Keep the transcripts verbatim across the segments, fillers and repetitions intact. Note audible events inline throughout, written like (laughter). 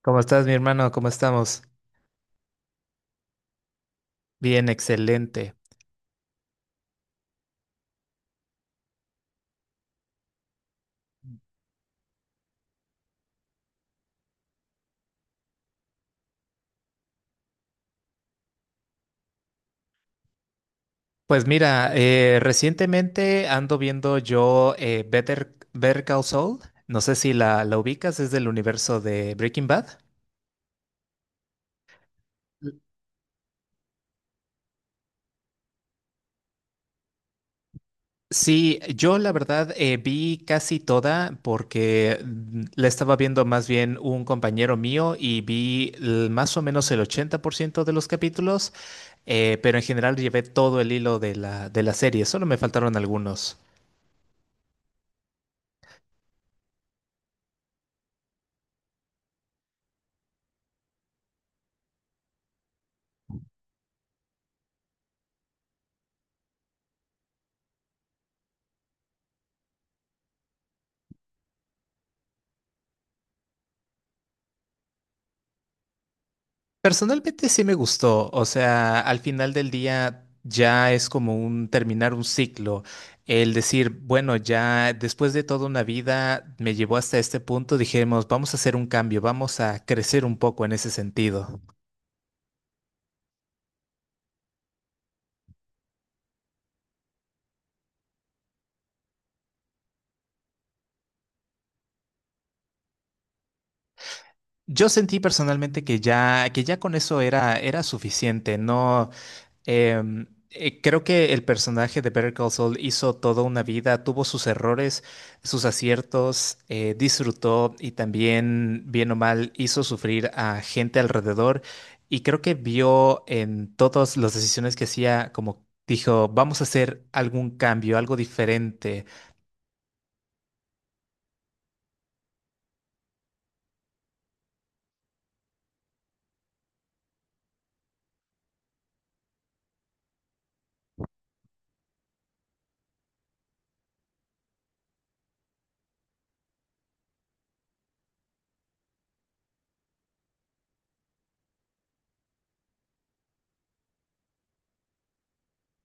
¿Cómo estás, mi hermano? ¿Cómo estamos? Bien, excelente. Pues mira, eh, recientemente ando viendo yo eh, Better, Better Call Saul. No sé si la, la ubicas, es del universo de Breaking Bad. Sí, yo la verdad eh, vi casi toda porque mm, la estaba viendo más bien un compañero mío y vi l- más o menos el ochenta por ciento de los capítulos, eh, pero en general llevé todo el hilo de la, de la serie, solo me faltaron algunos. Personalmente sí me gustó, o sea, al final del día ya es como un terminar un ciclo, el decir, bueno, ya después de toda una vida me llevó hasta este punto, dijimos, vamos a hacer un cambio, vamos a crecer un poco en ese sentido. Yo sentí personalmente que ya que ya con eso era era suficiente, no. Em, eh, creo que el personaje de Better Call Saul hizo toda una vida, tuvo sus errores, sus aciertos, eh, disfrutó y también, bien o mal, hizo sufrir a gente alrededor. Y creo que vio en todas las decisiones que hacía, como dijo, vamos a hacer algún cambio, algo diferente.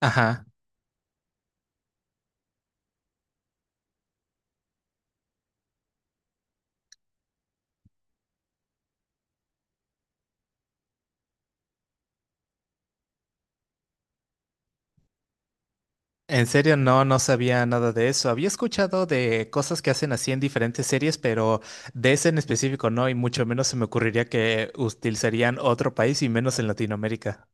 Ajá. En serio, no, no sabía nada de eso. Había escuchado de cosas que hacen así en diferentes series, pero de ese en específico no, y mucho menos se me ocurriría que utilizarían otro país y menos en Latinoamérica.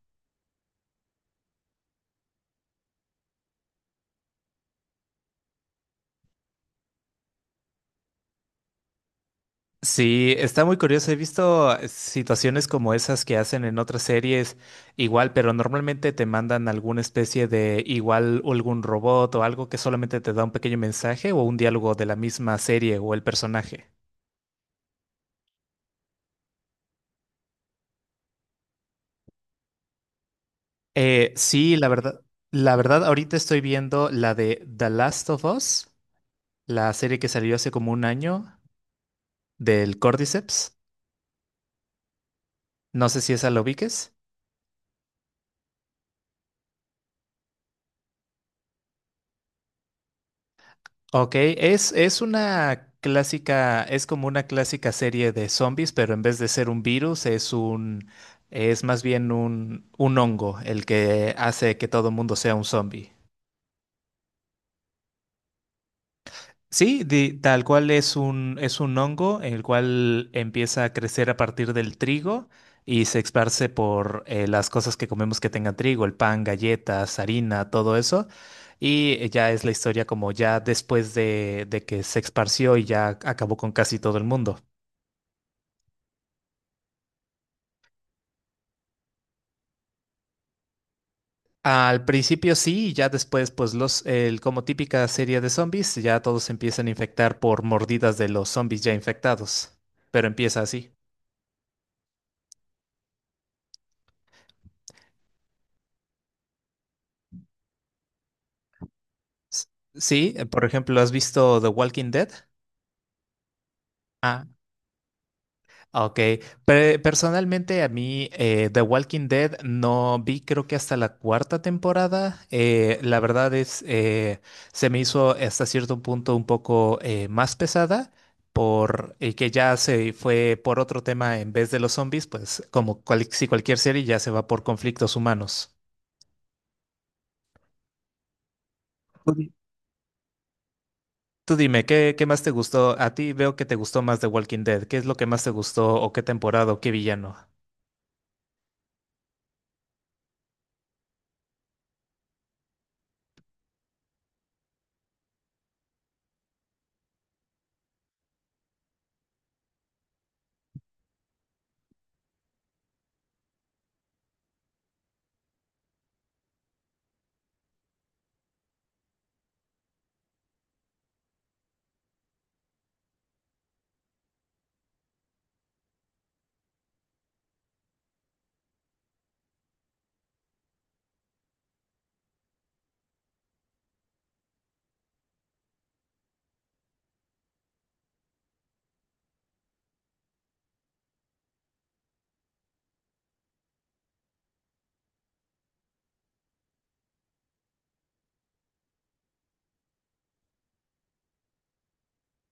Sí, está muy curioso. He visto situaciones como esas que hacen en otras series igual, pero normalmente te mandan alguna especie de igual algún robot o algo que solamente te da un pequeño mensaje o un diálogo de la misma serie o el personaje. Eh, sí, la verdad, la verdad, ahorita estoy viendo la de The Last of Us, la serie que salió hace como un año del Cordyceps. No sé si esa lo ubiques. Ok, es, es una clásica, es como una clásica serie de zombies, pero en vez de ser un virus, es un, es más bien un, un hongo el que hace que todo el mundo sea un zombie. Sí, di- tal cual es un, es un hongo, el cual empieza a crecer a partir del trigo y se esparce por eh, las cosas que comemos que tengan trigo, el pan, galletas, harina, todo eso. Y eh, ya es la historia como ya después de, de que se esparció y ya acabó con casi todo el mundo. Al principio sí, y ya después, pues los, el- como típica serie de zombies, ya todos se empiezan a infectar por mordidas de los zombies ya infectados. Pero empieza así. S- Sí, eh, por ejemplo, ¿has visto The Walking Dead? Ah, ok. Pe- personalmente a mí eh, The Walking Dead no vi creo que hasta la cuarta temporada. Eh, la verdad es, eh, se me hizo hasta cierto punto un poco eh, más pesada por eh, que ya se fue por otro tema en vez de los zombies, pues como cual- si cualquier serie ya se va por conflictos humanos. Tú dime, ¿qué, qué más te gustó? A ti veo que te gustó más de Walking Dead. ¿Qué es lo que más te gustó o qué temporada o qué villano?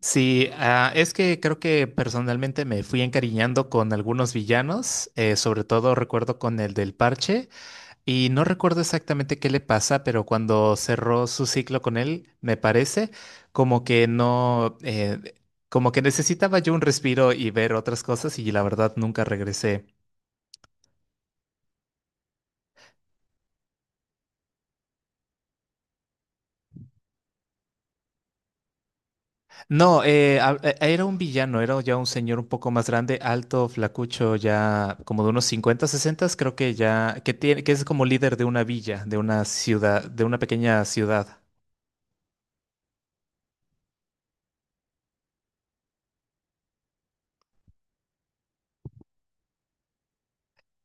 Sí, ah, es que creo que personalmente me fui encariñando con algunos villanos, eh, sobre todo recuerdo con el del parche y no recuerdo exactamente qué le pasa, pero cuando cerró su ciclo con él, me parece como que no, eh, como que necesitaba yo un respiro y ver otras cosas y la verdad nunca regresé. No, eh, a- e- era un villano, era ya un señor un poco más grande, alto, flacucho, ya como de unos cincuenta sesenta, creo que ya, que tiene, que es como líder de una villa, de una ciudad, de una pequeña ciudad.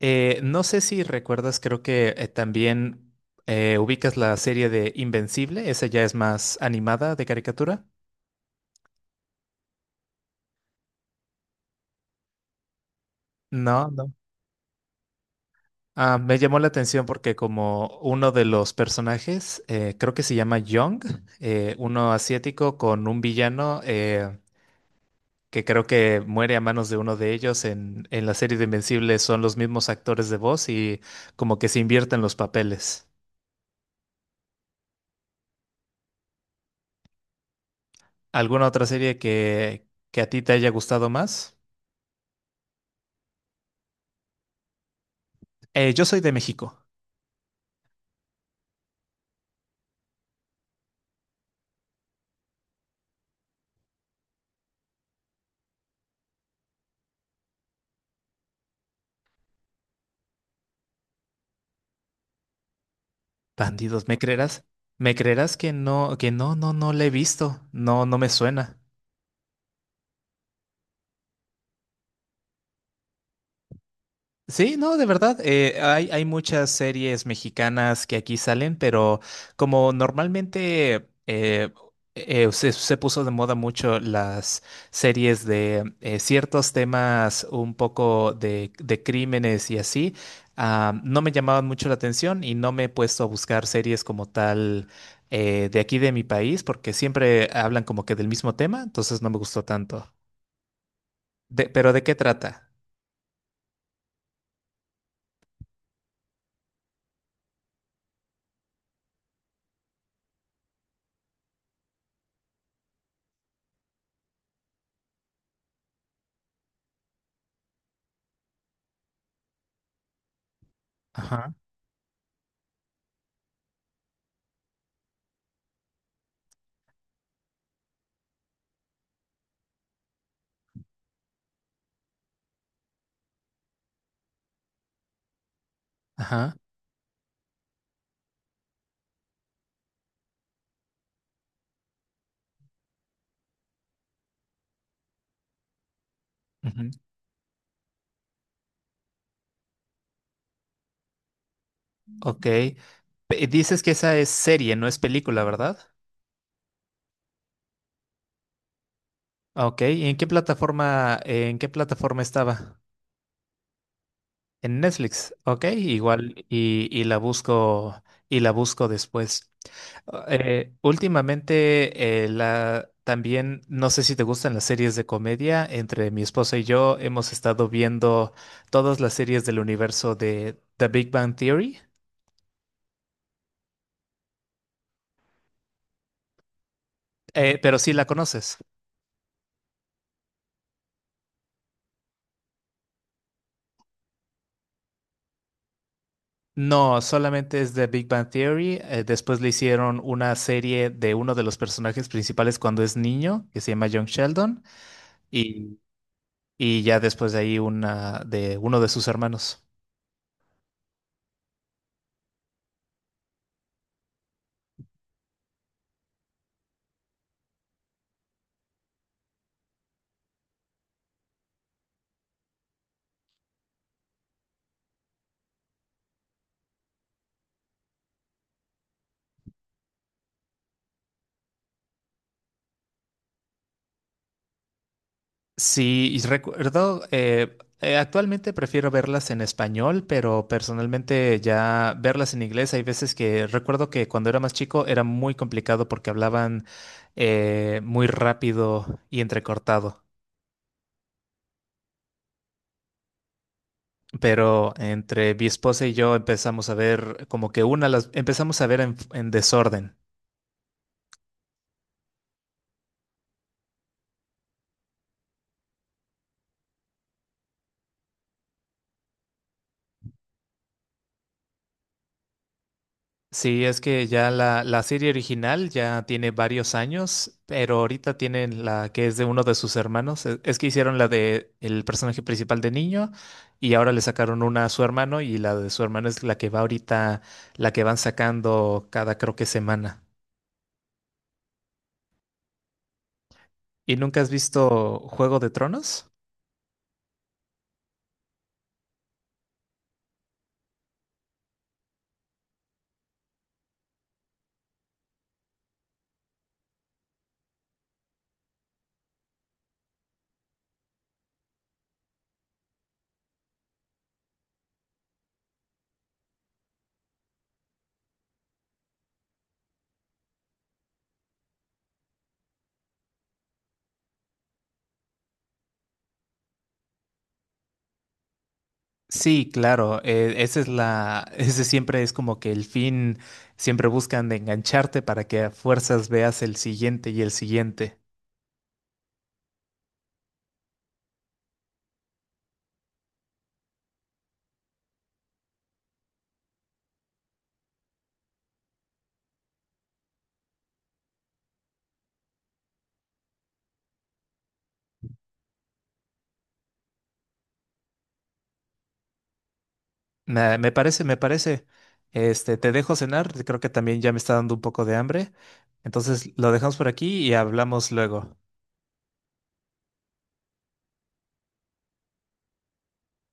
Eh, no sé si recuerdas, creo que eh, también eh, ubicas la serie de Invencible, esa ya es más animada de caricatura. No, no. Ah, me llamó la atención porque como uno de los personajes, eh, creo que se llama Young, eh, uno asiático con un villano. Eh, que creo que muere a manos de uno de ellos en, en la serie de Invencible, son los mismos actores de voz y como que se invierten los papeles. ¿Alguna otra serie que, que a ti te haya gustado más? Eh, yo soy de México. Bandidos, ¿me creerás? ¿Me creerás que no, que no, no, no la he visto? No, no me suena. Sí, no, de verdad, eh, hay, hay muchas series mexicanas que aquí salen, pero como normalmente eh, eh, se, se puso de moda mucho las series de eh, ciertos temas un poco de, de crímenes y así, ah, no me llamaban mucho la atención y no me he puesto a buscar series como tal eh, de aquí de mi país, porque siempre hablan como que del mismo tema, entonces no me gustó tanto. De- pero ¿de qué trata? Ajá, ajá. Ujú. Ok. Pe- Dices que esa es serie, no es película, ¿verdad? Ah, ok, ¿y en qué plataforma, en qué plataforma estaba? En Netflix, ok, igual, y, y la busco, y la busco después. Ah, eh, últimamente, eh, la, también, no sé si te gustan las series de comedia, entre mi esposa y yo hemos estado viendo todas las series del universo de The Big Bang Theory. Eh, pero sí la conoces. No, solamente es de Big Bang Theory. Eh, después le hicieron una serie de uno de los personajes principales cuando es niño, que se llama Young Sheldon, y, y ya después de ahí una de uno de sus hermanos. Sí, y recuerdo, eh, eh, actualmente prefiero verlas en español, pero personalmente ya verlas en inglés hay veces que recuerdo que cuando era más chico era muy complicado porque hablaban eh, muy rápido y entrecortado. Pero entre mi esposa y yo empezamos a ver como que una las empezamos a ver en, en desorden. Sí, es que ya la, la serie original ya tiene varios años, pero ahorita tienen la que es de uno de sus hermanos. Es, es que hicieron la de el personaje principal de niño y ahora le sacaron una a su hermano y la de su hermano es la que va ahorita, la que van sacando cada creo que semana. ¿Y nunca has visto Juego de Tronos? Sí, claro, eh, esa es la, (laughs) ese siempre es como que el fin, siempre buscan engancharte para que a fuerzas veas el siguiente y el siguiente. Me, me parece, me parece. Este, te dejo cenar, creo que también ya me está dando un poco de hambre. Entonces lo dejamos por aquí y hablamos luego.